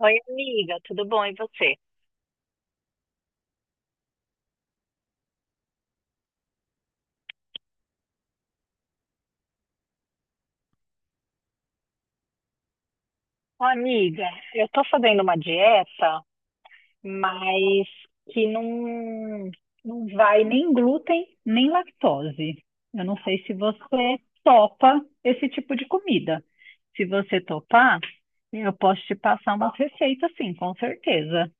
Oi, amiga, tudo bom? E você? Ô, amiga, eu tô fazendo uma dieta, mas que não vai nem glúten, nem lactose. Eu não sei se você topa esse tipo de comida. Se você topar, eu posso te passar umas receitas, sim, com certeza.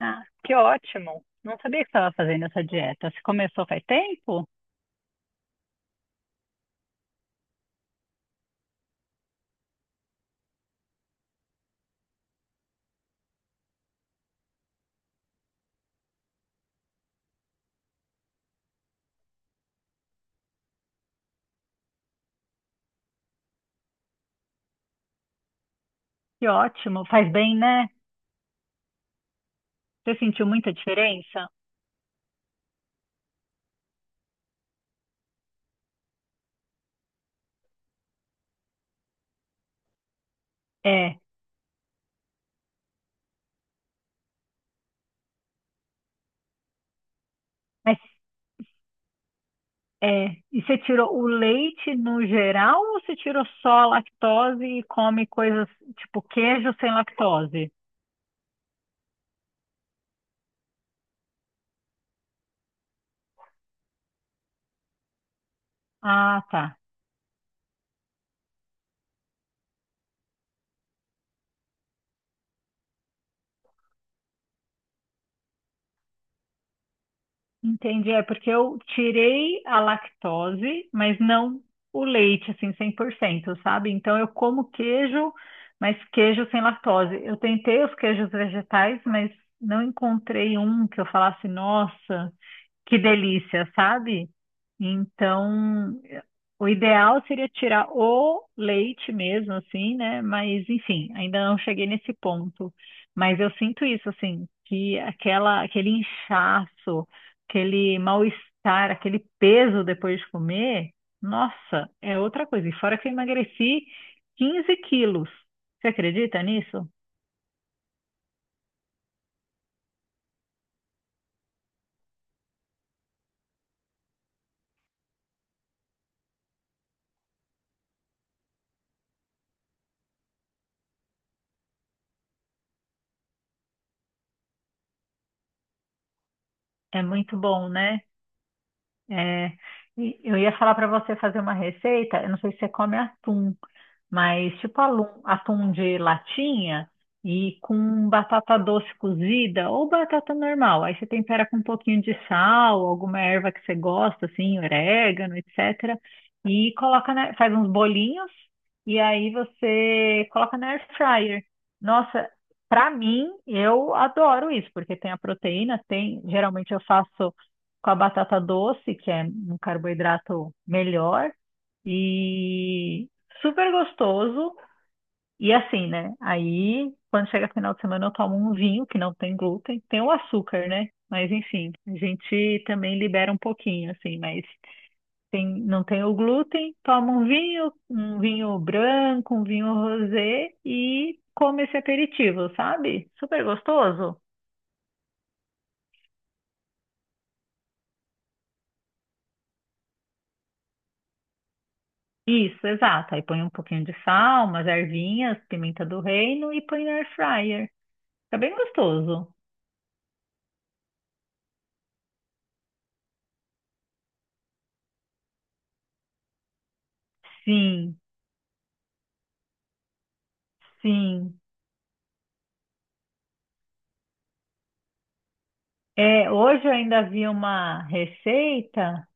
Ah, que ótimo! Não sabia que estava fazendo essa dieta. Você começou faz tempo? Que ótimo! Faz bem, né? Você sentiu muita diferença? É, mas e você tirou o leite no geral ou você tirou só a lactose e come coisas tipo queijo sem lactose? Ah, tá. Entendi. É porque eu tirei a lactose, mas não o leite, assim, 100%, sabe? Então eu como queijo, mas queijo sem lactose. Eu tentei os queijos vegetais, mas não encontrei um que eu falasse, nossa. Que delícia, sabe? Então, o ideal seria tirar o leite mesmo, assim, né? Mas, enfim, ainda não cheguei nesse ponto. Mas eu sinto isso, assim, que aquele inchaço, aquele mal-estar, aquele peso depois de comer, nossa, é outra coisa. E fora que eu emagreci 15 quilos. Você acredita nisso? É muito bom, né? É, e eu ia falar para você fazer uma receita. Eu não sei se você come atum, mas tipo atum de latinha e com batata doce cozida ou batata normal. Aí você tempera com um pouquinho de sal, alguma erva que você gosta, assim, orégano, etc. E coloca na, faz uns bolinhos e aí você coloca na air fryer. Nossa, pra mim, eu adoro isso, porque tem a proteína, tem, geralmente eu faço com a batata doce, que é um carboidrato melhor, e super gostoso. E assim, né? Aí, quando chega final de semana, eu tomo um vinho que não tem glúten, tem o açúcar, né? Mas enfim, a gente também libera um pouquinho, assim, mas tem, não tem o glúten, toma um vinho branco, um vinho rosé e come esse aperitivo, sabe? Super gostoso. Isso, exato. Aí põe um pouquinho de sal, umas ervinhas, pimenta do reino e põe no air fryer. Fica bem gostoso. Sim. Sim. É, hoje eu ainda vi uma receita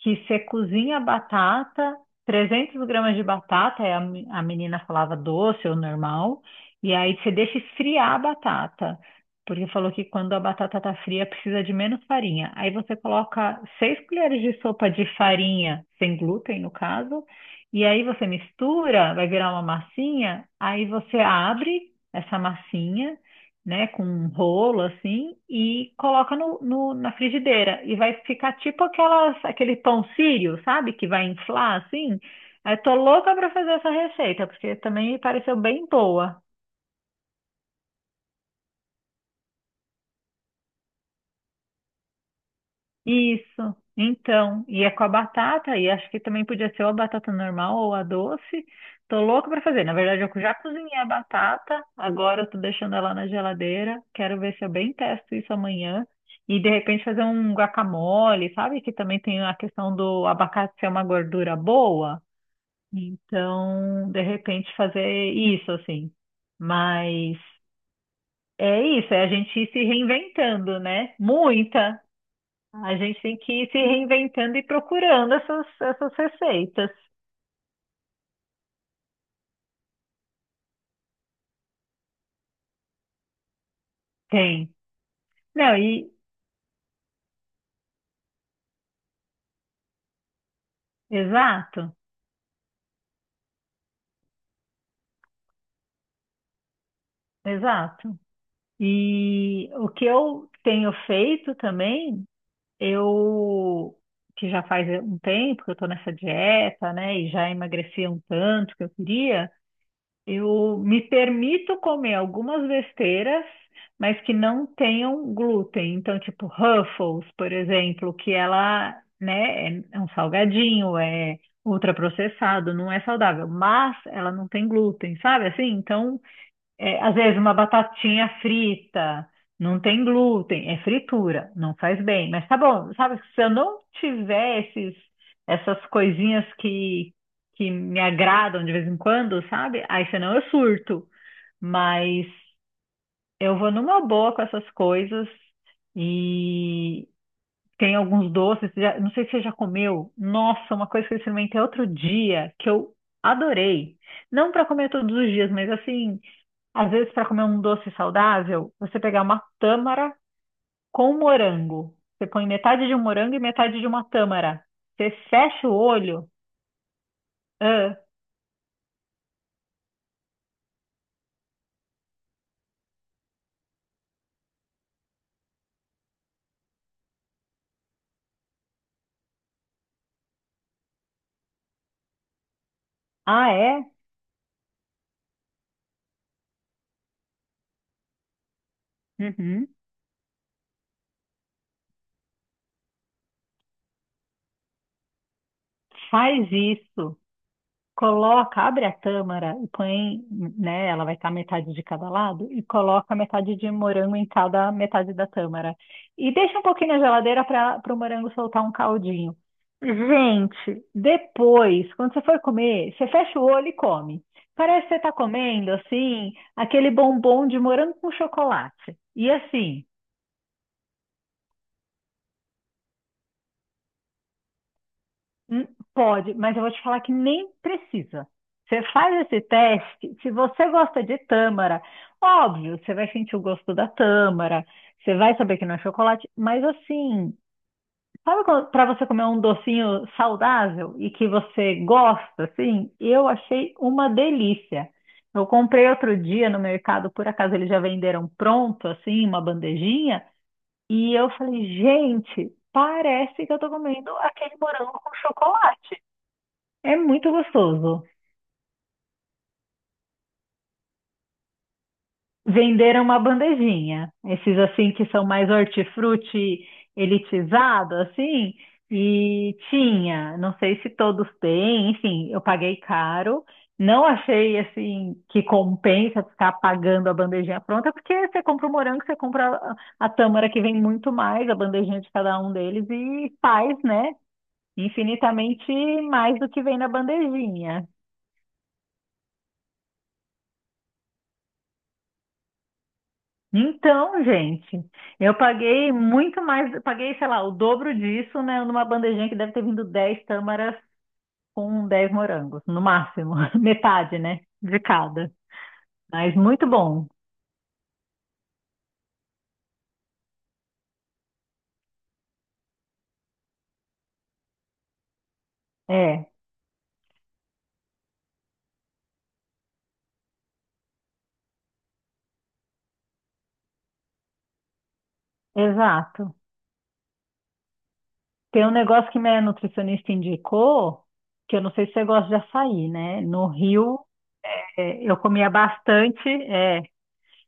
que você cozinha batata, 300 gramas de batata, aí a menina falava doce ou normal, e aí você deixa esfriar a batata, porque falou que quando a batata tá fria precisa de menos farinha. Aí você coloca 6 colheres de sopa de farinha, sem glúten no caso, e aí você mistura, vai virar uma massinha, aí você abre essa massinha, né, com um rolo assim e coloca na frigideira e vai ficar tipo aquele pão sírio, sabe, que vai inflar assim. Eu tô louca para fazer essa receita porque também me pareceu bem boa. Isso, então, e é com a batata, e acho que também podia ser ou a batata normal ou a doce. Tô louca pra fazer. Na verdade, eu já cozinhei a batata, agora eu tô deixando ela na geladeira. Quero ver se eu bem testo isso amanhã. E de repente fazer um guacamole, sabe? Que também tem a questão do abacate ser uma gordura boa. Então, de repente fazer isso assim. Mas é isso, é a gente ir se reinventando, né? Muita. A gente tem que ir se reinventando e procurando essas receitas. Tem. Não, e exato, exato. E o que eu tenho feito também, eu que já faz um tempo que eu estou nessa dieta, né, e já emagreci um tanto que eu queria. Eu me permito comer algumas besteiras, mas que não tenham glúten. Então, tipo, Ruffles, por exemplo, que ela, né, é um salgadinho, é ultraprocessado, não é saudável, mas ela não tem glúten, sabe assim? Então, é, às vezes uma batatinha frita, não tem glúten, é fritura, não faz bem. Mas tá bom, sabe, se eu não tiver essas coisinhas que me agradam de vez em quando, sabe? Aí senão eu surto. Mas eu vou numa boa com essas coisas e tem alguns doces. Não sei se você já comeu. Nossa, uma coisa que eu experimentei outro dia que eu adorei. Não para comer todos os dias, mas assim. Às vezes, para comer um doce saudável, você pegar uma tâmara com morango. Você põe metade de um morango e metade de uma tâmara. Você fecha o olho. Ah, ah, é? Uhum. Faz isso. Coloca, abre a tâmara e põe, né? Ela vai estar metade de cada lado e coloca metade de morango em cada metade da tâmara. E deixa um pouquinho na geladeira para o morango soltar um caldinho. Gente, depois, quando você for comer, você fecha o olho e come. Parece que você está comendo, assim, aquele bombom de morango com chocolate. E assim, hum, pode, mas eu vou te falar que nem precisa. Você faz esse teste, se você gosta de tâmara, óbvio, você vai sentir o gosto da tâmara, você vai saber que não é chocolate, mas assim, sabe, para você comer um docinho saudável e que você gosta, assim? Eu achei uma delícia. Eu comprei outro dia no mercado, por acaso eles já venderam pronto, assim, uma bandejinha, e eu falei, gente, parece que eu tô comendo aquele morango com chocolate. É muito gostoso. Venderam uma bandejinha, esses assim que são mais hortifruti elitizado, assim, e tinha, não sei se todos têm, enfim, eu paguei caro. Não achei assim que compensa ficar pagando a bandejinha pronta, porque você compra o morango, você compra a tâmara que vem muito mais, a bandejinha de cada um deles, e faz, né? Infinitamente mais do que vem na bandejinha. Então, gente, eu paguei muito mais, paguei, sei lá, o dobro disso, né, numa bandejinha que deve ter vindo 10 tâmaras com 10 morangos, no máximo, metade, né, de cada. Mas muito bom. É, exato. Tem um negócio que minha nutricionista indicou, que eu não sei se você gosta de açaí, né? No Rio, é, eu comia bastante. É,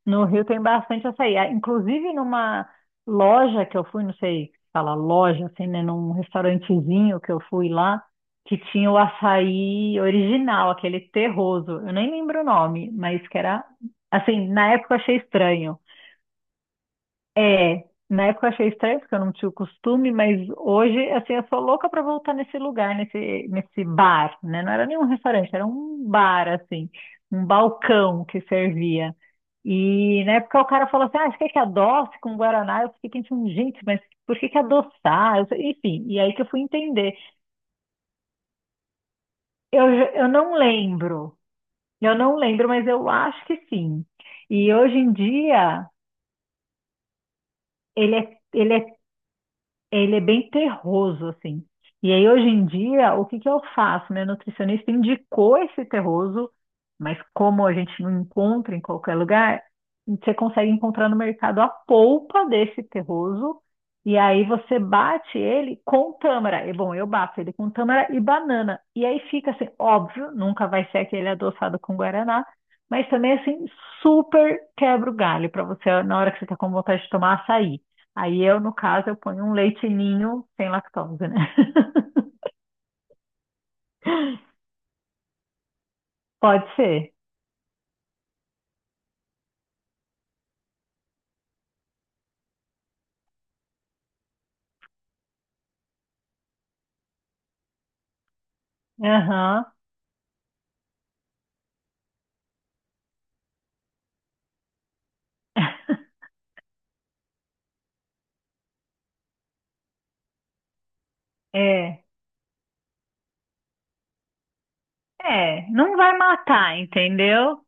no Rio tem bastante açaí. Ah, inclusive, numa loja que eu fui, não sei se fala loja, assim, né? Num restaurantezinho que eu fui lá, que tinha o açaí original, aquele terroso. Eu nem lembro o nome, mas que era, assim, na época eu achei estranho. Na época eu achei estranho, porque eu não tinha o costume, mas hoje, assim, eu sou louca para voltar nesse lugar, nesse bar, né? Não era nenhum restaurante, era um bar, assim, um balcão que servia. E na época o cara falou assim, ah, você quer que adoce com Guaraná? Eu fiquei pensando, gente, mas por que que adoçar? Eu sei- enfim, e aí que eu fui entender. Eu não lembro, eu não lembro, mas eu acho que sim. E hoje em dia, ele é Ele é bem terroso, assim. E aí, hoje em dia, o que que eu faço? Meu nutricionista indicou esse terroso, mas como a gente não encontra em qualquer lugar, você consegue encontrar no mercado a polpa desse terroso, e aí você bate ele com tâmara. E, bom, eu bato ele com tâmara e banana. E aí fica assim, óbvio, nunca vai ser aquele adoçado com guaraná, mas também assim, super quebra o galho para você na hora que você está com vontade de tomar açaí. Aí eu, no caso, eu ponho um leite ninho sem lactose, né? Pode ser. Aham. É. É, não vai matar, entendeu?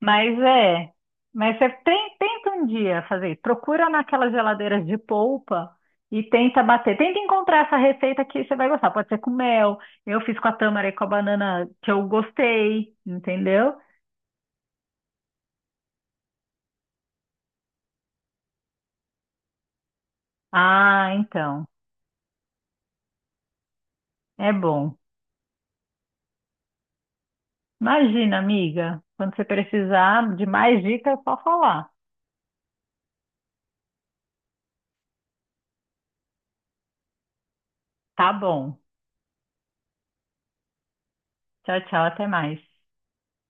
Mas é. Mas você tem- tenta um dia fazer isso. Procura naquelas geladeiras de polpa e tenta bater. Tenta encontrar essa receita que você vai gostar. Pode ser com mel. Eu fiz com a tâmara e com a banana que eu gostei, entendeu? Ah, então. É bom. Imagina, amiga. Quando você precisar de mais dicas, é só falar. Tá bom. Tchau, tchau. Até mais.